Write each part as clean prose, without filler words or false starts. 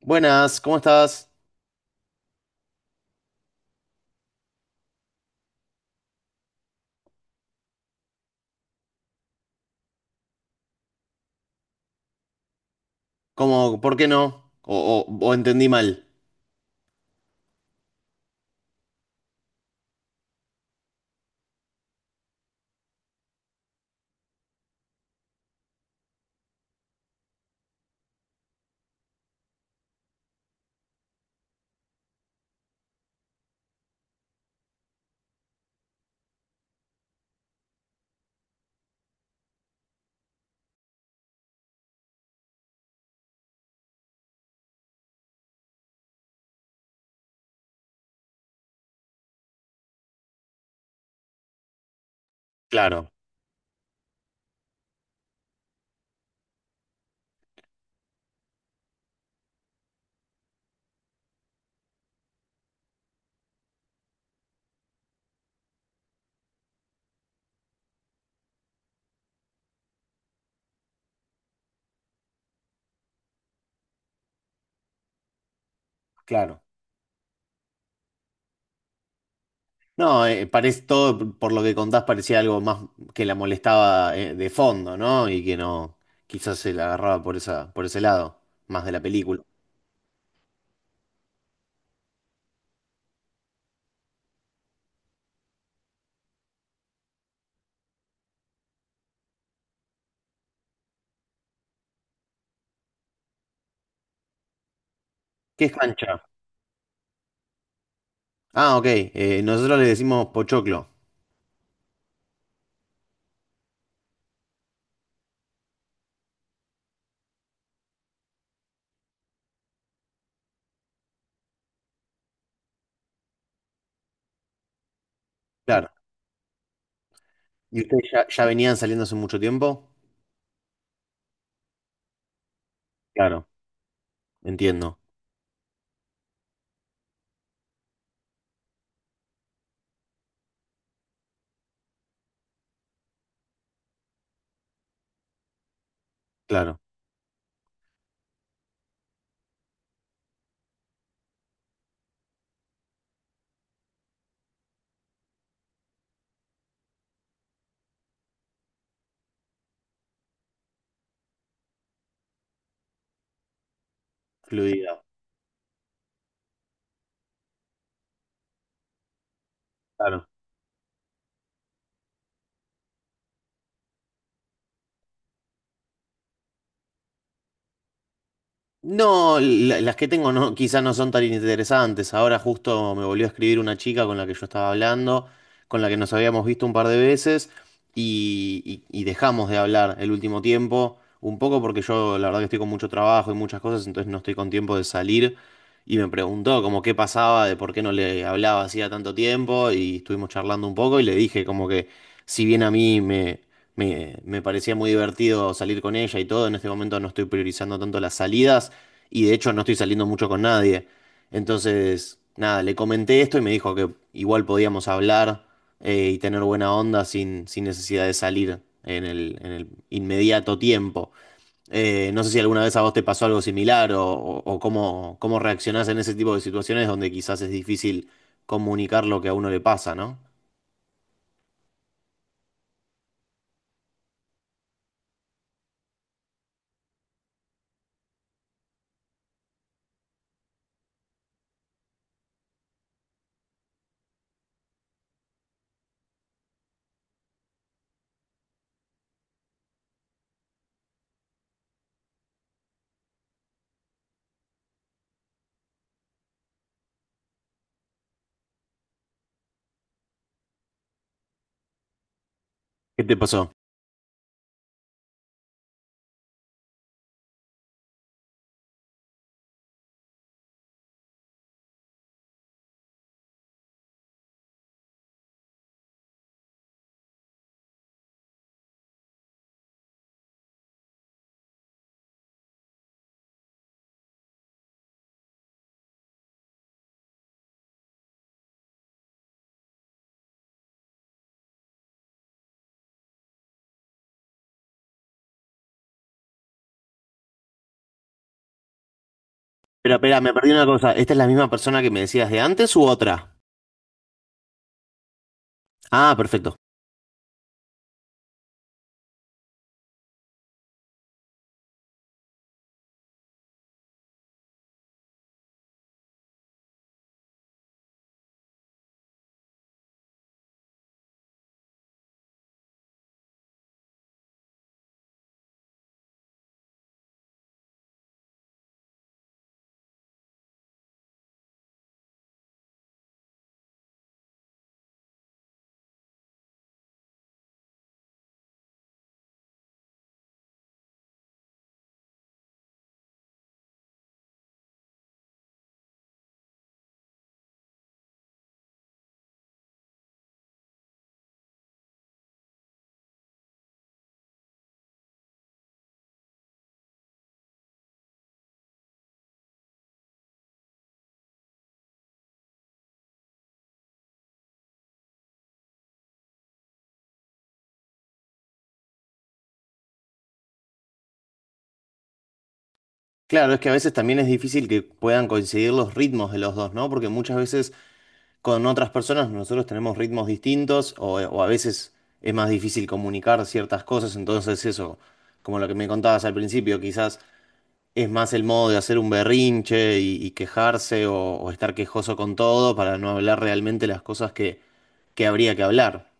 Buenas, ¿cómo estás? ¿Cómo, por qué no? O entendí mal. Claro, claro. No, parece todo, por lo que contás, parecía algo más que la molestaba de fondo, ¿no? Y que no, quizás se la agarraba por esa, por ese lado, más de la película. ¿Qué es cancha? Ah, ok. Nosotros le decimos pochoclo. Claro. ¿Y ustedes ya venían saliendo hace mucho tiempo? Claro, entiendo. Claro. Fluida. Claro. No, las que tengo no, quizás no son tan interesantes. Ahora justo me volvió a escribir una chica con la que yo estaba hablando, con la que nos habíamos visto un par de veces y, y dejamos de hablar el último tiempo, un poco porque yo la verdad que estoy con mucho trabajo y muchas cosas, entonces no estoy con tiempo de salir y me preguntó como qué pasaba, de por qué no le hablaba hacía tanto tiempo y estuvimos charlando un poco y le dije como que si bien a mí me... Me parecía muy divertido salir con ella y todo. En este momento no estoy priorizando tanto las salidas. Y de hecho no estoy saliendo mucho con nadie. Entonces, nada, le comenté esto y me dijo que igual podíamos hablar y tener buena onda sin necesidad de salir en el inmediato tiempo. No sé si alguna vez a vos te pasó algo similar o cómo, cómo reaccionás en ese tipo de situaciones donde quizás es difícil comunicar lo que a uno le pasa, ¿no? ¿Qué te pasó? Espera, espera, me perdí una cosa. ¿Esta es la misma persona que me decías de antes u otra? Ah, perfecto. Claro, es que a veces también es difícil que puedan coincidir los ritmos de los dos, ¿no? Porque muchas veces con otras personas nosotros tenemos ritmos distintos o a veces es más difícil comunicar ciertas cosas, entonces eso, como lo que me contabas al principio, quizás es más el modo de hacer un berrinche y quejarse o estar quejoso con todo para no hablar realmente las cosas que habría que hablar.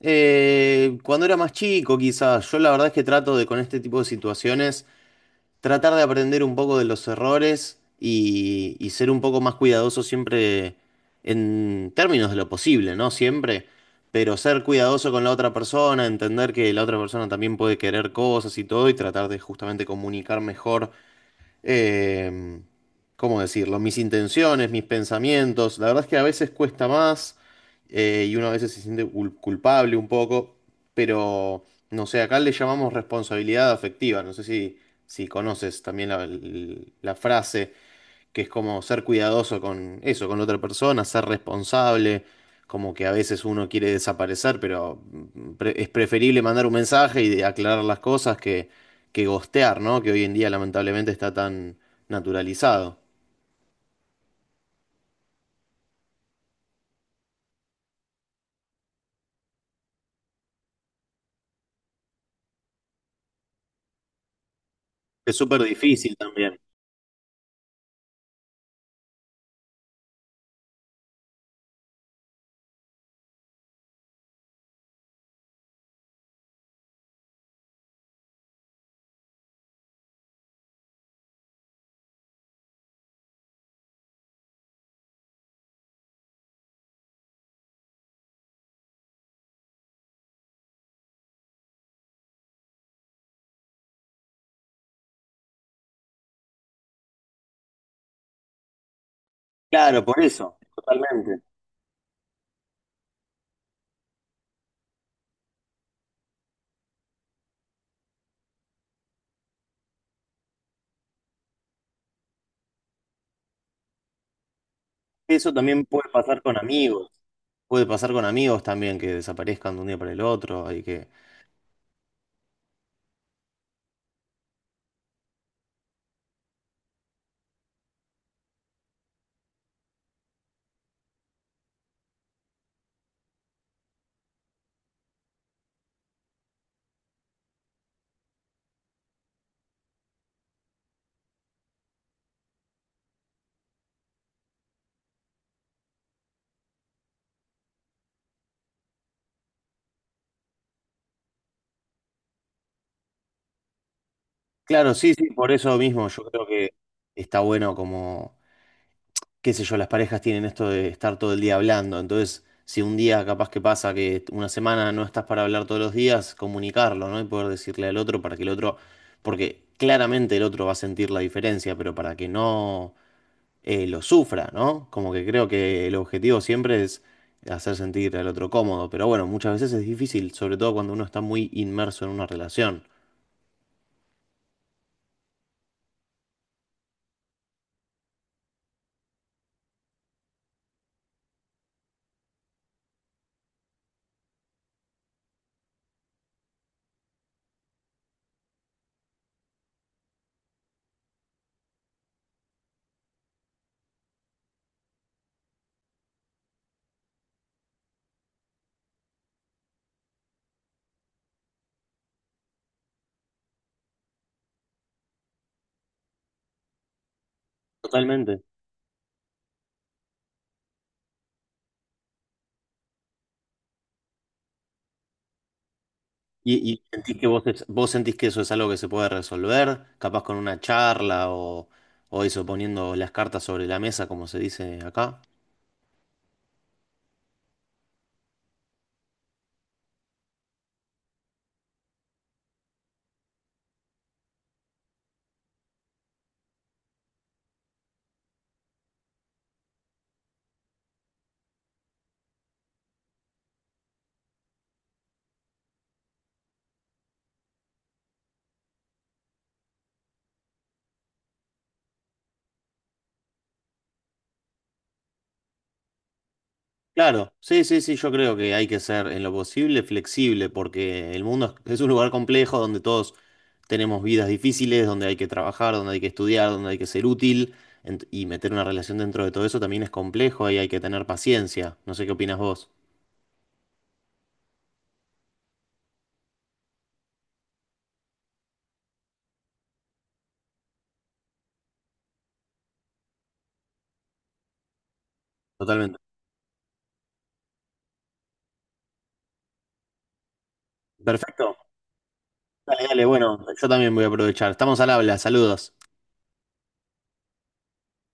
Cuando era más chico, quizás, yo la verdad es que trato de con este tipo de situaciones tratar de aprender un poco de los errores y ser un poco más cuidadoso siempre en términos de lo posible, ¿no? Siempre, pero ser cuidadoso con la otra persona, entender que la otra persona también puede querer cosas y todo y tratar de justamente comunicar mejor eh, ¿cómo decirlo? Mis intenciones, mis pensamientos. La verdad es que a veces cuesta más y uno a veces se siente culpable un poco, pero no sé, acá le llamamos responsabilidad afectiva. No sé si, si conoces también la frase que es como ser cuidadoso con eso, con la otra persona, ser responsable, como que a veces uno quiere desaparecer, pero es preferible mandar un mensaje y de aclarar las cosas que ghostear, ¿no? Que hoy en día lamentablemente está tan naturalizado. Es súper difícil también. Claro, por eso, totalmente. Eso también puede pasar con amigos. Puede pasar con amigos también que desaparezcan de un día para el otro. Y que... Claro, sí, sí, por eso mismo yo creo que está bueno como qué sé yo, las parejas tienen esto de estar todo el día hablando, entonces si un día capaz que pasa que una semana no estás para hablar todos los días, comunicarlo, ¿no? Y poder decirle al otro para que el otro, porque claramente el otro va a sentir la diferencia, pero para que no lo sufra, ¿no? Como que creo que el objetivo siempre es hacer sentir al otro cómodo, pero bueno, muchas veces es difícil, sobre todo cuando uno está muy inmerso en una relación. Totalmente. Y sentís que vos, vos sentís que eso es algo que se puede resolver, capaz con una charla o eso, poniendo las cartas sobre la mesa, como se dice acá? Claro, sí, sí, sí, yo creo que hay que ser en lo posible flexible, porque el mundo es un lugar complejo donde todos tenemos vidas difíciles, donde hay que trabajar, donde hay que estudiar, donde hay que ser útil, y meter una relación dentro de todo eso también es complejo y hay que tener paciencia. No sé qué opinas vos. Totalmente. Perfecto. Dale, dale, bueno, yo también voy a aprovechar. Estamos al habla, saludos.